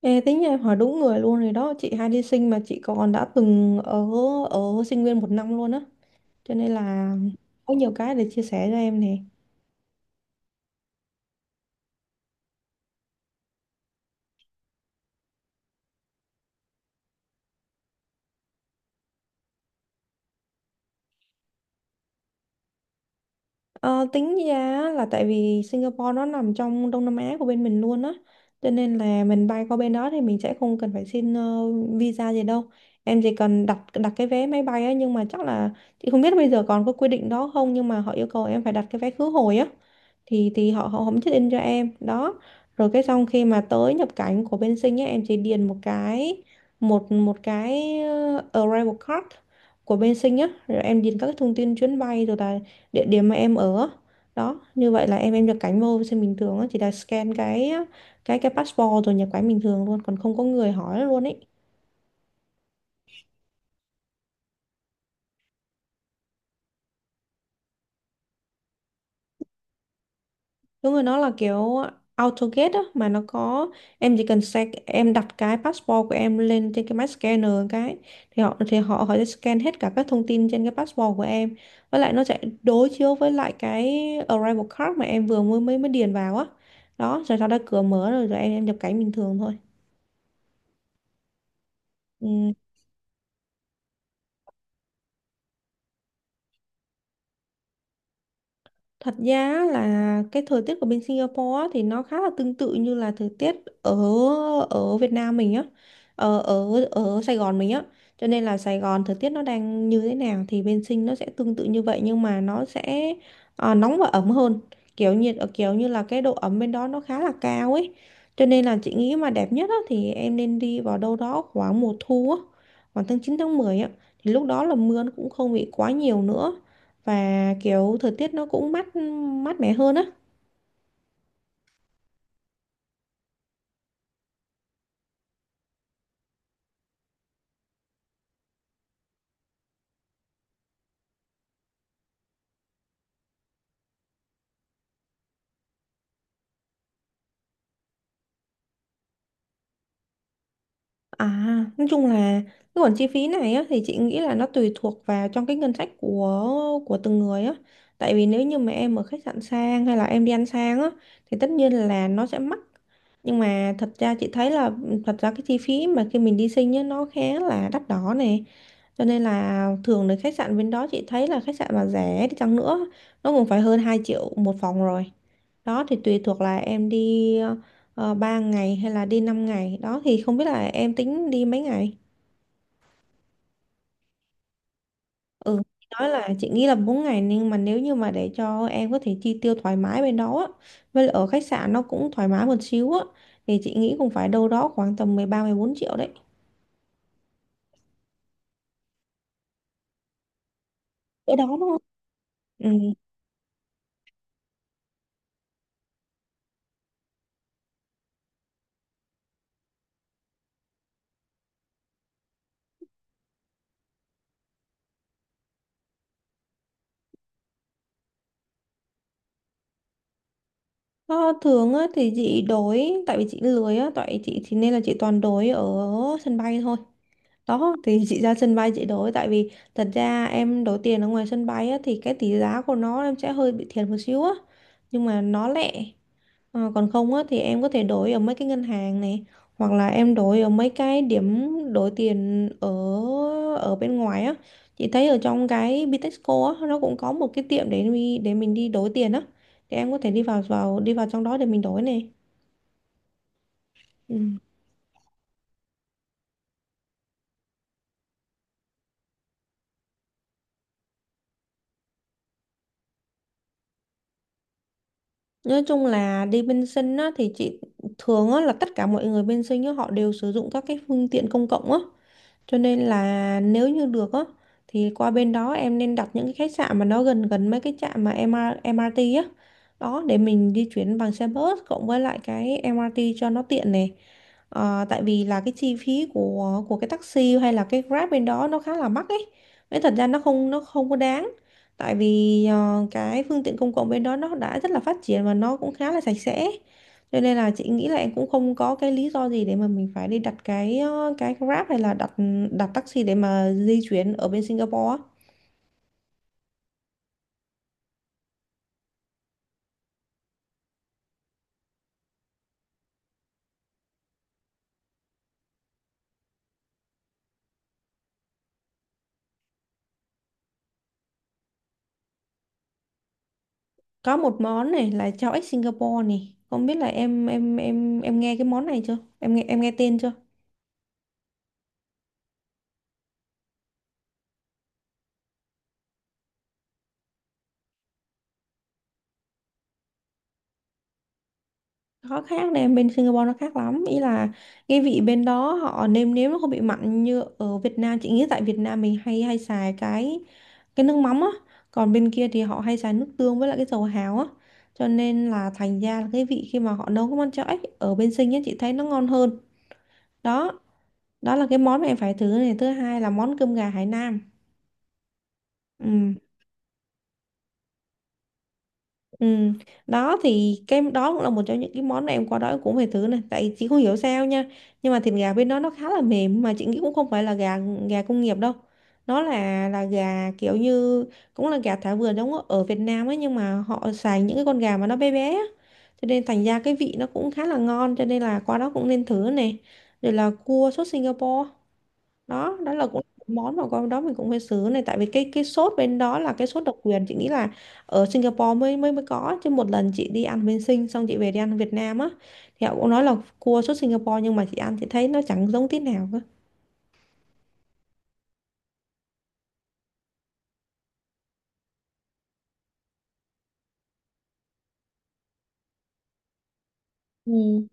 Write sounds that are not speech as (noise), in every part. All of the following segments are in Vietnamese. Ê, tính nhà em hỏi đúng người luôn rồi đó. Chị hay đi Sinh mà chị còn đã từng ở ở sinh viên một năm luôn á, cho nên là có nhiều cái để chia sẻ cho em nè. Ờ, tính ra á, là tại vì Singapore nó nằm trong Đông Nam Á của bên mình luôn á, cho nên là mình bay qua bên đó thì mình sẽ không cần phải xin visa gì đâu. Em chỉ cần đặt đặt cái vé máy bay á, nhưng mà chắc là chị không biết bây giờ còn có quy định đó không, nhưng mà họ yêu cầu em phải đặt cái vé khứ hồi á, thì họ họ không check in cho em đó. Rồi cái xong khi mà tới nhập cảnh của bên Sinh á, em chỉ điền một cái arrival card của bên Sinh á, rồi em điền các cái thông tin chuyến bay, rồi là địa điểm mà em ở đó. Như vậy là em nhập cảnh vô Sinh bình thường á, chỉ là scan cái passport rồi nhập cảnh bình thường luôn, còn không có người hỏi luôn ấy. Đúng rồi, nó là kiểu AutoGate á, mà nó có em chỉ cần scan, em đặt cái passport của em lên trên cái máy scanner cái, thì họ họ sẽ scan hết cả các thông tin trên cái passport của em. Với lại nó sẽ đối chiếu với lại cái arrival card mà em vừa mới mới mới điền vào á. Đó, rồi sau đó cửa mở rồi rồi em nhập cảnh bình thường thôi. Ừ. Thật ra á là cái thời tiết của bên Singapore á thì nó khá là tương tự như là thời tiết ở ở Việt Nam mình á, ở ở ở Sài Gòn mình á. Cho nên là Sài Gòn thời tiết nó đang như thế nào thì bên Sing nó sẽ tương tự như vậy, nhưng mà nó sẽ nóng và ấm hơn. Kiểu nhiệt ở kiểu như là cái độ ẩm bên đó nó khá là cao ấy. Cho nên là chị nghĩ mà đẹp nhất á thì em nên đi vào đâu đó khoảng mùa thu á, khoảng tháng 9 tháng 10 á, thì lúc đó là mưa nó cũng không bị quá nhiều nữa, và kiểu thời tiết nó cũng mát mát mẻ hơn á. Nói chung là cái khoản chi phí này á thì chị nghĩ là nó tùy thuộc vào trong cái ngân sách của từng người á, tại vì nếu như mà em ở khách sạn sang hay là em đi ăn sang á thì tất nhiên là nó sẽ mắc, nhưng mà thật ra chị thấy là ừ, thật ra cái chi phí mà khi mình đi Sinh á nó khá là đắt đỏ nè. Cho nên là thường đến khách sạn bên đó chị thấy là khách sạn mà rẻ đi chăng nữa nó cũng phải hơn 2 triệu một phòng rồi. Đó thì tùy thuộc là em đi 3 ngày hay là đi 5 ngày. Đó thì không biết là em tính đi mấy ngày. Ừ, chị nói là chị nghĩ là 4 ngày, nhưng mà nếu như mà để cho em có thể chi tiêu thoải mái bên đó á, với lại ở khách sạn nó cũng thoải mái một xíu á, thì chị nghĩ cũng phải đâu đó khoảng tầm 13 4 triệu đấy. Ở đó đúng không? Ừ. Ờ, thường á, thì chị đổi, tại vì chị lười á tại chị thì nên là chị toàn đổi ở sân bay thôi. Đó thì (laughs) chị ra sân bay chị đổi, tại vì thật ra em đổi tiền ở ngoài sân bay á, thì cái tỷ giá của nó em sẽ hơi bị thiệt một xíu á nhưng mà nó lẹ. Còn không á, thì em có thể đổi ở mấy cái ngân hàng này hoặc là em đổi ở mấy cái điểm đổi tiền ở ở bên ngoài á. Chị thấy ở trong cái Bitexco á nó cũng có một cái tiệm để để mình đi đổi tiền á, thì em có thể đi vào trong đó để mình đổi này. Ừ. Nói chung là đi bên Sinh á thì chị thường á là tất cả mọi người bên Sinh á họ đều sử dụng các cái phương tiện công cộng á. Cho nên là nếu như được á thì qua bên đó em nên đặt những cái khách sạn mà nó gần gần mấy cái trạm mà em MRT á. Đó để mình di chuyển bằng xe bus cộng với lại cái em MRT cho nó tiện này. Ờ, tại vì là cái chi phí của cái taxi hay là cái Grab bên đó nó khá là mắc ấy. Nên thật ra nó không có đáng. Tại vì cái phương tiện công cộng bên đó nó đã rất là phát triển và nó cũng khá là sạch sẽ. Cho nên là chị nghĩ là em cũng không có cái lý do gì để mà mình phải đi đặt cái Grab hay là đặt đặt taxi để mà di chuyển ở bên Singapore á. Có một món này là cháo ếch Singapore này. Không biết là em nghe cái món này chưa? Em nghe tên chưa? Khó khác này, bên Singapore nó khác lắm, ý là cái vị bên đó họ nêm nếm nó không bị mặn như ở Việt Nam. Chị nghĩ tại Việt Nam mình hay hay xài cái nước mắm á, còn bên kia thì họ hay xài nước tương với lại cái dầu hào á, cho nên là thành ra là cái vị khi mà họ nấu cái món cháo ếch ở bên Sing á chị thấy nó ngon hơn. Đó đó là cái món mà em phải thử này. Thứ hai là món cơm gà Hải Nam, ừ. Ừ. Đó thì cái đó cũng là một trong những cái món này em qua đó em cũng phải thử này, tại chị không hiểu sao nha, nhưng mà thịt gà bên đó nó khá là mềm mà chị nghĩ cũng không phải là gà gà công nghiệp đâu. Nó là gà kiểu như cũng là gà thả vườn giống ở ở Việt Nam ấy, nhưng mà họ xài những cái con gà mà nó bé bé á. Cho nên thành ra cái vị nó cũng khá là ngon, cho nên là qua đó cũng nên thử này. Rồi là cua sốt Singapore, đó đó là cũng món mà con đó mình cũng hơi xứ này, tại vì cái sốt bên đó là cái sốt độc quyền. Chị nghĩ là ở Singapore mới mới mới có, chứ một lần chị đi ăn bên Sing xong chị về đi ăn Việt Nam á thì họ cũng nói là cua sốt Singapore, nhưng mà chị ăn chị thấy nó chẳng giống tí nào cơ. Ừ.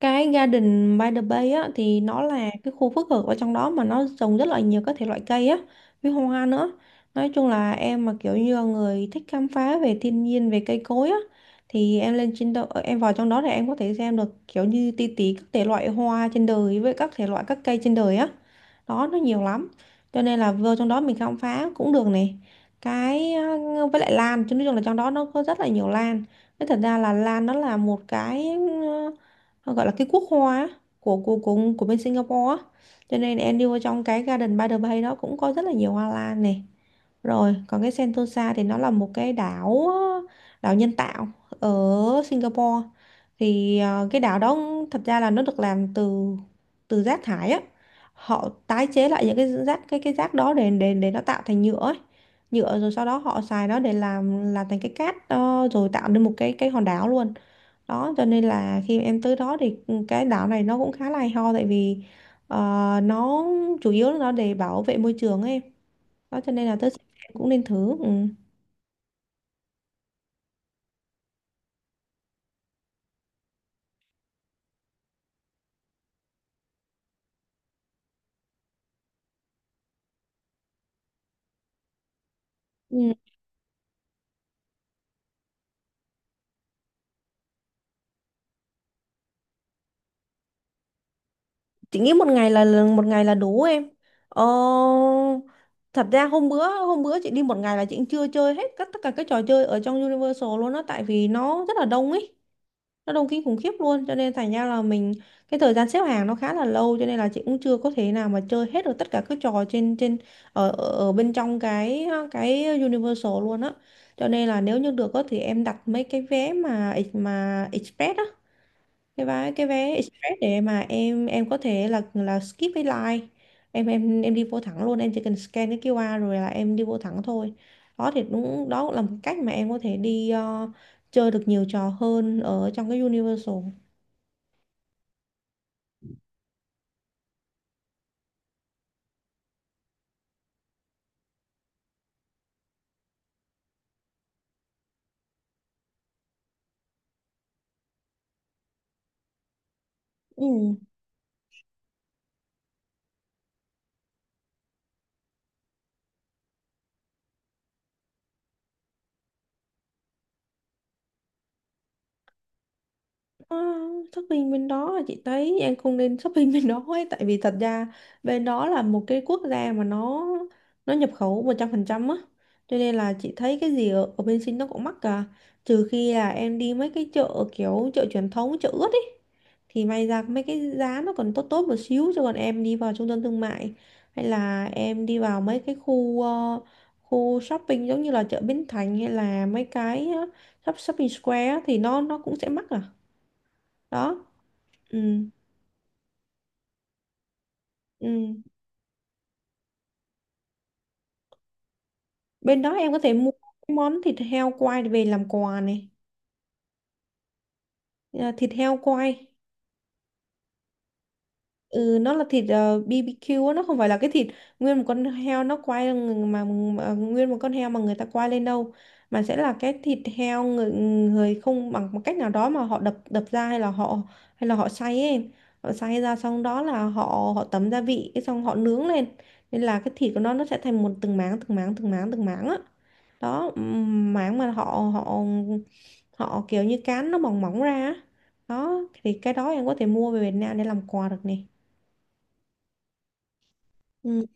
Cái Garden by the Bay á thì nó là cái khu phức hợp ở trong đó mà nó trồng rất là nhiều các thể loại cây á, với hoa nữa. Nói chung là em mà kiểu như là người thích khám phá về thiên nhiên, về cây cối á, thì em lên trên đó, em vào trong đó thì em có thể xem được kiểu như ti tí các thể loại hoa trên đời với các thể loại các cây trên đời á. Đó nó nhiều lắm. Cho nên là vô trong đó mình khám phá cũng được này. Với lại lan, chứ nói chung là trong đó nó có rất là nhiều lan. Thế thật ra là lan nó là một cái họ gọi là cái quốc hoa á, của bên Singapore á. Cho nên em đi vô trong cái Garden by the Bay đó cũng có rất là nhiều hoa lan này. Rồi, còn cái Sentosa thì nó là một cái đảo đảo nhân tạo ở Singapore. Thì cái đảo đó thật ra là nó được làm từ từ rác thải á. Họ tái chế lại những cái rác đó để nó tạo thành nhựa ấy. Nhựa rồi sau đó họ xài nó để làm thành cái cát, rồi tạo nên một cái hòn đảo luôn. Đó cho nên là khi em tới đó thì ừ, cái đảo này nó cũng khá là hay ho, tại vì ờ, nó chủ yếu là nó để bảo vệ môi trường ấy. Đó cho nên là tới em cũng nên thử, ừ. Ừ. Chị nghĩ một ngày một ngày là đủ em. ờ, Thật ra hôm bữa chị đi một ngày là chị cũng chưa chơi hết tất cả các trò chơi ở trong Universal luôn đó, tại vì nó rất là đông ấy. Nó đông kinh khủng khiếp luôn, cho nên thành ra là mình cái thời gian xếp hàng nó khá là lâu, cho nên là chị cũng chưa có thể nào mà chơi hết được tất cả các trò trên trên ở ở ở bên trong cái Universal luôn á. Cho nên là nếu như được á thì em đặt mấy cái vé mà express á, cái vé express để mà em có thể là skip cái line, em đi vô thẳng luôn, em chỉ cần scan cái QR rồi là em đi vô thẳng thôi. Đó thì đúng, đó cũng là một cách mà em có thể đi chơi được nhiều trò hơn ở trong cái Universal, ừ. Ờ, shopping bên đó là chị thấy em không nên (laughs) shopping bên đó ấy, tại vì thật ra bên đó là một cái quốc gia mà nó nhập khẩu 100% á, cho nên là chị thấy cái gì ở bên Sinh nó cũng mắc cả, trừ khi là em đi mấy cái chợ kiểu chợ truyền thống, chợ ướt ấy, thì may ra mấy cái giá nó còn tốt tốt một xíu, chứ còn em đi vào trung tâm thương mại hay là em đi vào mấy cái khu shopping giống như là chợ Bến Thành hay là mấy cái shopping square á, thì nó cũng sẽ mắc à, đó. Ừ, ừ. Bên đó em có thể mua cái món thịt heo quay về làm quà này. À, thịt heo quay. Ừ, nó là thịt BBQ á, nó không phải là cái thịt nguyên một con heo nó quay mà nguyên một con heo mà người ta quay lên đâu, mà sẽ là cái thịt heo người, không bằng một cách nào đó mà họ đập đập ra hay là họ xay ấy, em. Họ xay ra xong đó là họ họ tẩm gia vị cái xong họ nướng lên, nên là cái thịt của nó sẽ thành một từng máng từng máng từng máng từng máng á, đó mảng mà họ họ họ kiểu như cán nó mỏng mỏng ra á. Đó thì cái đó em có thể mua về Việt Nam để làm quà được nè, ừ.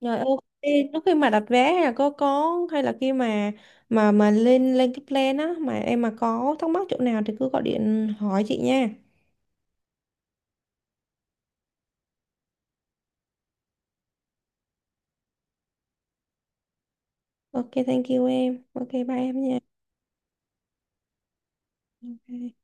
Rồi, ok. Lúc khi mà đặt vé hay là có hay là khi mà lên lên cái plan á, mà em mà có thắc mắc chỗ nào thì cứ gọi điện hỏi chị nha. Ok, thank you em, ok, bye em nha. Ok.